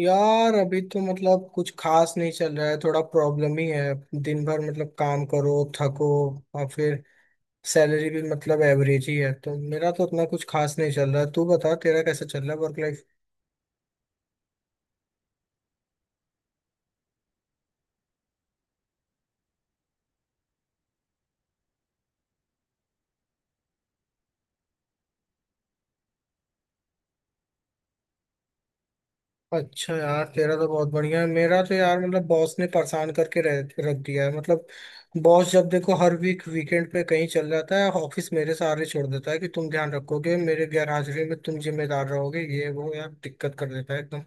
यार अभी तो मतलब कुछ खास नहीं चल रहा है। थोड़ा प्रॉब्लम ही है। दिन भर मतलब काम करो, थको और फिर सैलरी भी मतलब एवरेज ही है। तो मेरा तो उतना कुछ खास नहीं चल रहा है। तू बता, तेरा कैसा चल रहा है वर्क लाइफ। अच्छा यार, तेरा तो बहुत बढ़िया है। मेरा तो यार मतलब बॉस ने परेशान करके रख दिया है मतलब। बॉस जब देखो हर वीक वीकेंड पे कहीं चल जाता है। ऑफिस मेरे सहारे छोड़ देता है कि तुम ध्यान रखोगे, मेरे गैरहाजिरी में तुम जिम्मेदार रहोगे, ये वो यार। दिक्कत कर देता है एकदम।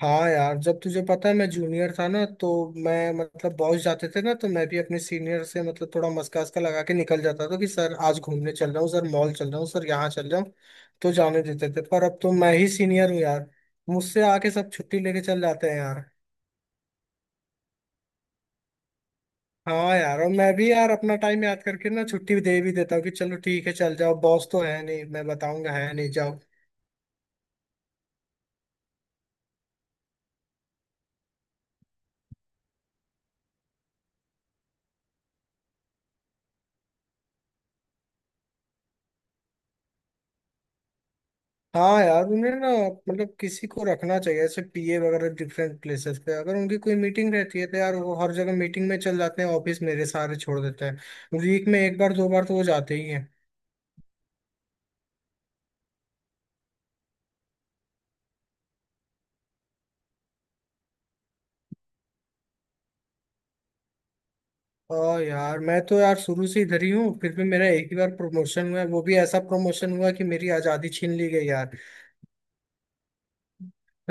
हाँ यार, जब तुझे पता है मैं जूनियर था ना, तो मैं मतलब बॉस जाते थे ना तो मैं भी अपने सीनियर से मतलब थोड़ा मस्का वस्का लगा के निकल जाता था कि सर आज घूमने चल रहा हूँ, सर मॉल चल रहा हूँ, सर यहाँ चल रहा हूँ। तो जाने देते थे, पर अब तो मैं ही सीनियर हूँ यार। मुझसे आके सब छुट्टी लेके चल जाते हैं यार। हाँ यार, और मैं भी यार अपना टाइम याद करके ना छुट्टी दे भी देता हूँ कि चलो ठीक है चल जाओ, बॉस तो है नहीं, मैं बताऊंगा है नहीं, जाओ। हाँ यार उन्हें ना मतलब किसी को रखना चाहिए ऐसे पीए वगैरह। डिफरेंट प्लेसेस पे अगर उनकी कोई मीटिंग रहती है तो यार वो हर जगह मीटिंग में चल जाते हैं, ऑफिस मेरे सहारे छोड़ देते हैं। वीक में एक बार दो बार तो वो जाते ही हैं। और यार मैं तो यार शुरू से इधर ही हूँ, फिर भी मेरा एक ही बार प्रमोशन हुआ है। वो भी ऐसा प्रमोशन हुआ कि मेरी आज़ादी छीन ली गई यार।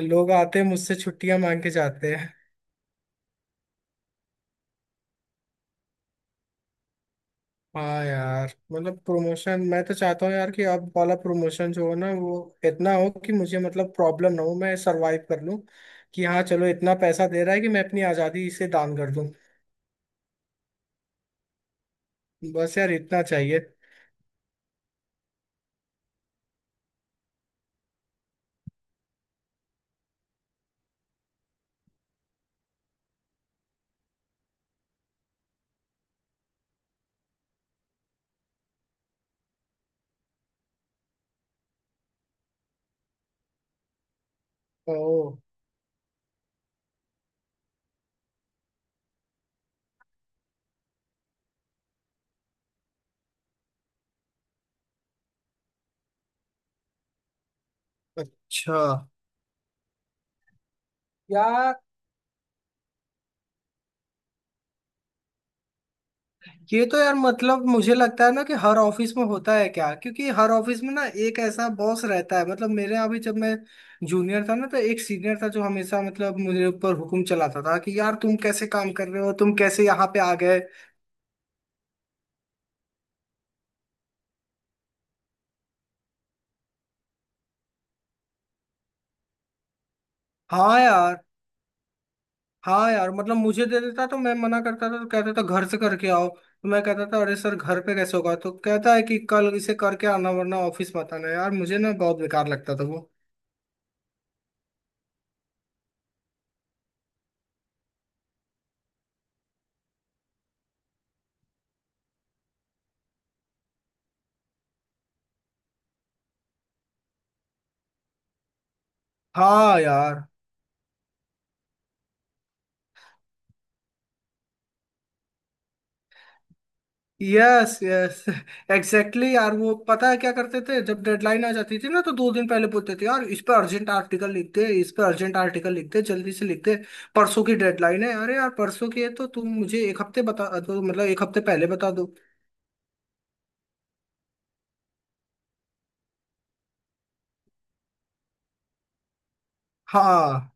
लोग आते हैं मुझसे छुट्टियां मांग के जाते हैं। हाँ यार, मतलब प्रमोशन मैं तो चाहता हूँ यार कि अब वाला प्रमोशन जो हो ना, वो इतना हो कि मुझे मतलब प्रॉब्लम ना हो, मैं सरवाइव कर लूँ। कि हाँ चलो, इतना पैसा दे रहा है कि मैं अपनी आज़ादी इसे दान कर दूँ। बस यार इतना चाहिए। ओ, अच्छा। यार ये तो यार मतलब मुझे लगता है ना कि हर ऑफिस में होता है क्या, क्योंकि हर ऑफिस में ना एक ऐसा बॉस रहता है। मतलब मेरे यहाँ भी जब मैं जूनियर था ना तो एक सीनियर था जो हमेशा मतलब मुझे ऊपर हुकुम चलाता था कि यार तुम कैसे काम कर रहे हो, तुम कैसे यहाँ पे आ गए। हाँ यार। हाँ यार, मतलब मुझे दे देता तो मैं मना करता था, तो कहता था घर से करके आओ। तो मैं कहता था अरे सर घर पे कैसे होगा, तो कहता है कि कल इसे करके आना वरना ऑफिस मत आना। यार मुझे ना बहुत बेकार लगता था वो। हाँ यार। यस यस, एग्जैक्टली यार। वो पता है क्या करते थे, जब डेडलाइन आ जाती थी ना तो दो दिन पहले बोलते थे यार इस पे अर्जेंट आर्टिकल लिख दे, इस पे अर्जेंट आर्टिकल लिख दे, जल्दी से लिख दे, परसों की डेडलाइन है। अरे यार परसों की है तो तुम मुझे एक हफ्ते बता दो, मतलब एक हफ्ते पहले बता दो। हाँ।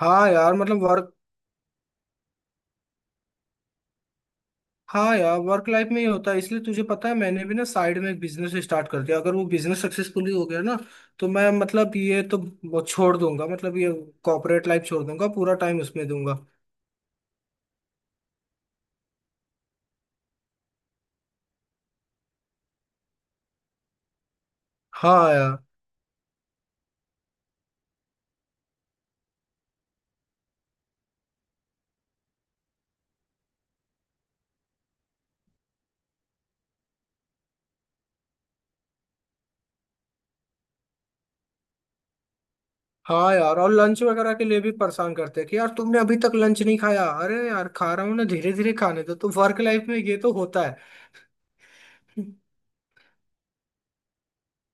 हाँ यार मतलब वर्क, हाँ यार वर्क लाइफ में ही होता है। इसलिए तुझे पता है मैंने भी ना साइड में एक बिजनेस स्टार्ट कर दिया। अगर वो बिजनेस सक्सेसफुली हो गया ना तो मैं मतलब ये तो वो छोड़ दूंगा, मतलब ये कॉर्पोरेट लाइफ छोड़ दूंगा, पूरा टाइम उसमें दूंगा। हाँ यार। हाँ यार, और लंच वगैरह के लिए भी परेशान करते हैं कि यार तुमने अभी तक लंच नहीं खाया। अरे यार खा रहा हूँ ना, धीरे धीरे खाने दो। तो वर्क लाइफ में ये तो होता है।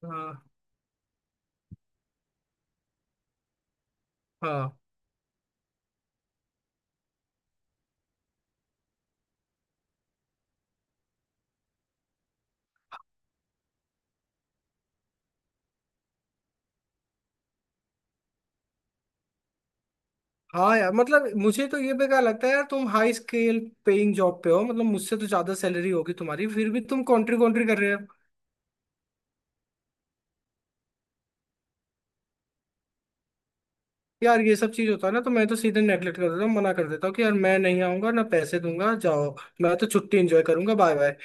हाँ। हाँ। हाँ यार मतलब मुझे तो ये बेकार लगता है। यार तुम हाई स्केल पेइंग जॉब पे हो, मतलब मुझसे तो ज्यादा सैलरी होगी तुम्हारी, फिर भी तुम कॉन्ट्री कॉन्ट्री कर रहे हो। यार ये सब चीज होता है ना तो मैं तो सीधे नेगलेक्ट कर देता हूँ, मना कर देता हूँ कि यार मैं नहीं आऊंगा, ना पैसे दूंगा, जाओ। मैं तो छुट्टी एंजॉय करूंगा, बाय बाय।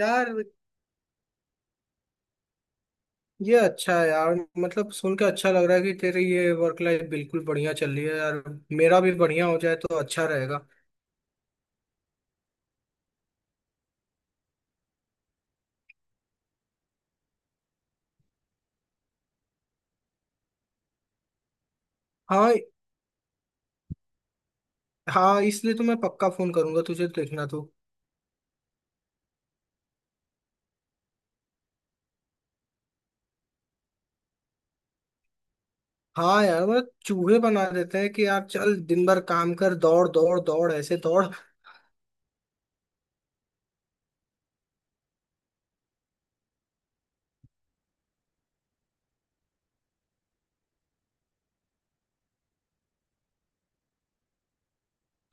यार ये अच्छा है यार, मतलब सुन के अच्छा लग रहा है कि तेरी ये वर्क लाइफ बिल्कुल बढ़िया चल रही है यार। मेरा भी बढ़िया हो जाए तो अच्छा रहेगा। हाँ। हाँ, इसलिए तो मैं पक्का फोन करूंगा तुझे, देखना तू। हाँ यार, मतलब चूहे बना देते हैं कि यार चल दिन भर काम कर, दौड़ दौड़ दौड़, ऐसे दौड़।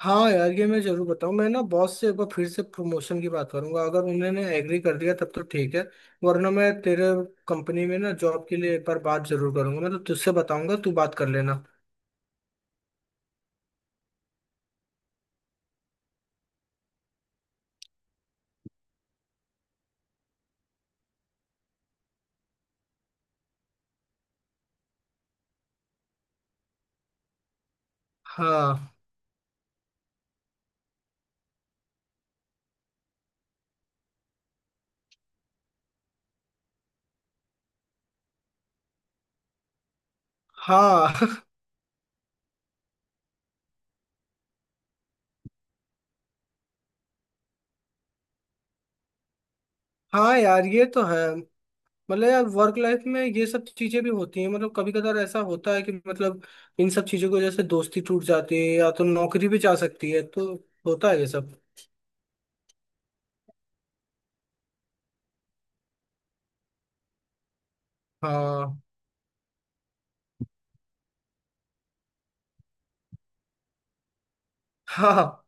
हाँ यार ये मैं जरूर बताऊँ। मैं ना बॉस से एक बार फिर से प्रमोशन की बात करूंगा, अगर उन्होंने एग्री कर दिया तब तो ठीक है, वरना मैं तेरे कंपनी में ना जॉब के लिए एक बार बात जरूर करूंगा। मैं तो तुझसे बताऊंगा, तू बात कर लेना। हाँ। हाँ। हाँ यार ये तो है। मतलब यार वर्क लाइफ में ये सब चीजें भी होती हैं। मतलब कभी कदार ऐसा होता है कि मतलब इन सब चीजों की वजह से दोस्ती टूट जाती है या तो नौकरी भी जा सकती है, तो होता है ये सब। हाँ। हाँ।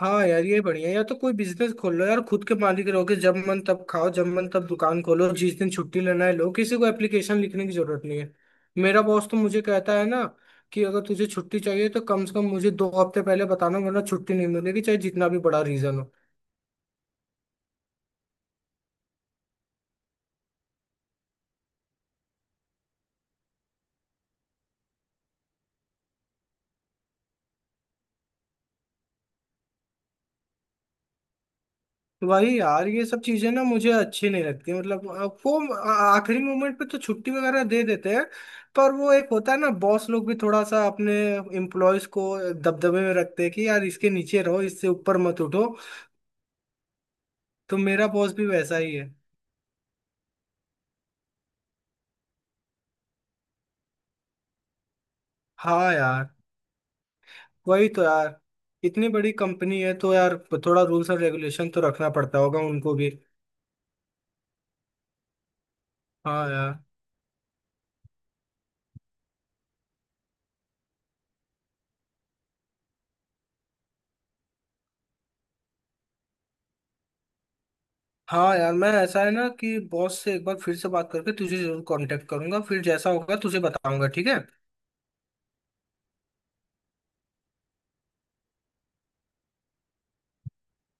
हाँ यार ये बढ़िया है। या तो कोई बिजनेस खोल लो यार, खुद के मालिक रहोगे, जब मन तब खाओ, जब मन तब दुकान खोलो, जिस दिन छुट्टी लेना है लो, किसी को एप्लीकेशन लिखने की जरूरत नहीं है। मेरा बॉस तो मुझे कहता है ना कि अगर तुझे छुट्टी चाहिए तो कम से कम मुझे दो हफ्ते पहले बताना, वरना छुट्टी नहीं मिलेगी चाहे जितना भी बड़ा रीजन हो। वही यार ये सब चीजें ना मुझे अच्छी नहीं लगती। मतलब वो आखिरी मोमेंट पे तो छुट्टी वगैरह दे देते हैं, पर वो एक होता है ना, बॉस लोग भी थोड़ा सा अपने एम्प्लॉयज को दबदबे में रखते हैं कि यार इसके नीचे रहो, इससे ऊपर मत उठो। तो मेरा बॉस भी वैसा ही है। हाँ यार। वही तो यार, इतनी बड़ी कंपनी है तो यार थोड़ा रूल्स और रेगुलेशन तो रखना पड़ता होगा उनको भी। हाँ यार। हाँ यार, मैं ऐसा है ना कि बॉस से एक बार फिर से बात करके तुझे जरूर कांटेक्ट करूंगा, फिर जैसा होगा तुझे बताऊंगा, ठीक है।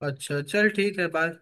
अच्छा चल ठीक है, बाय।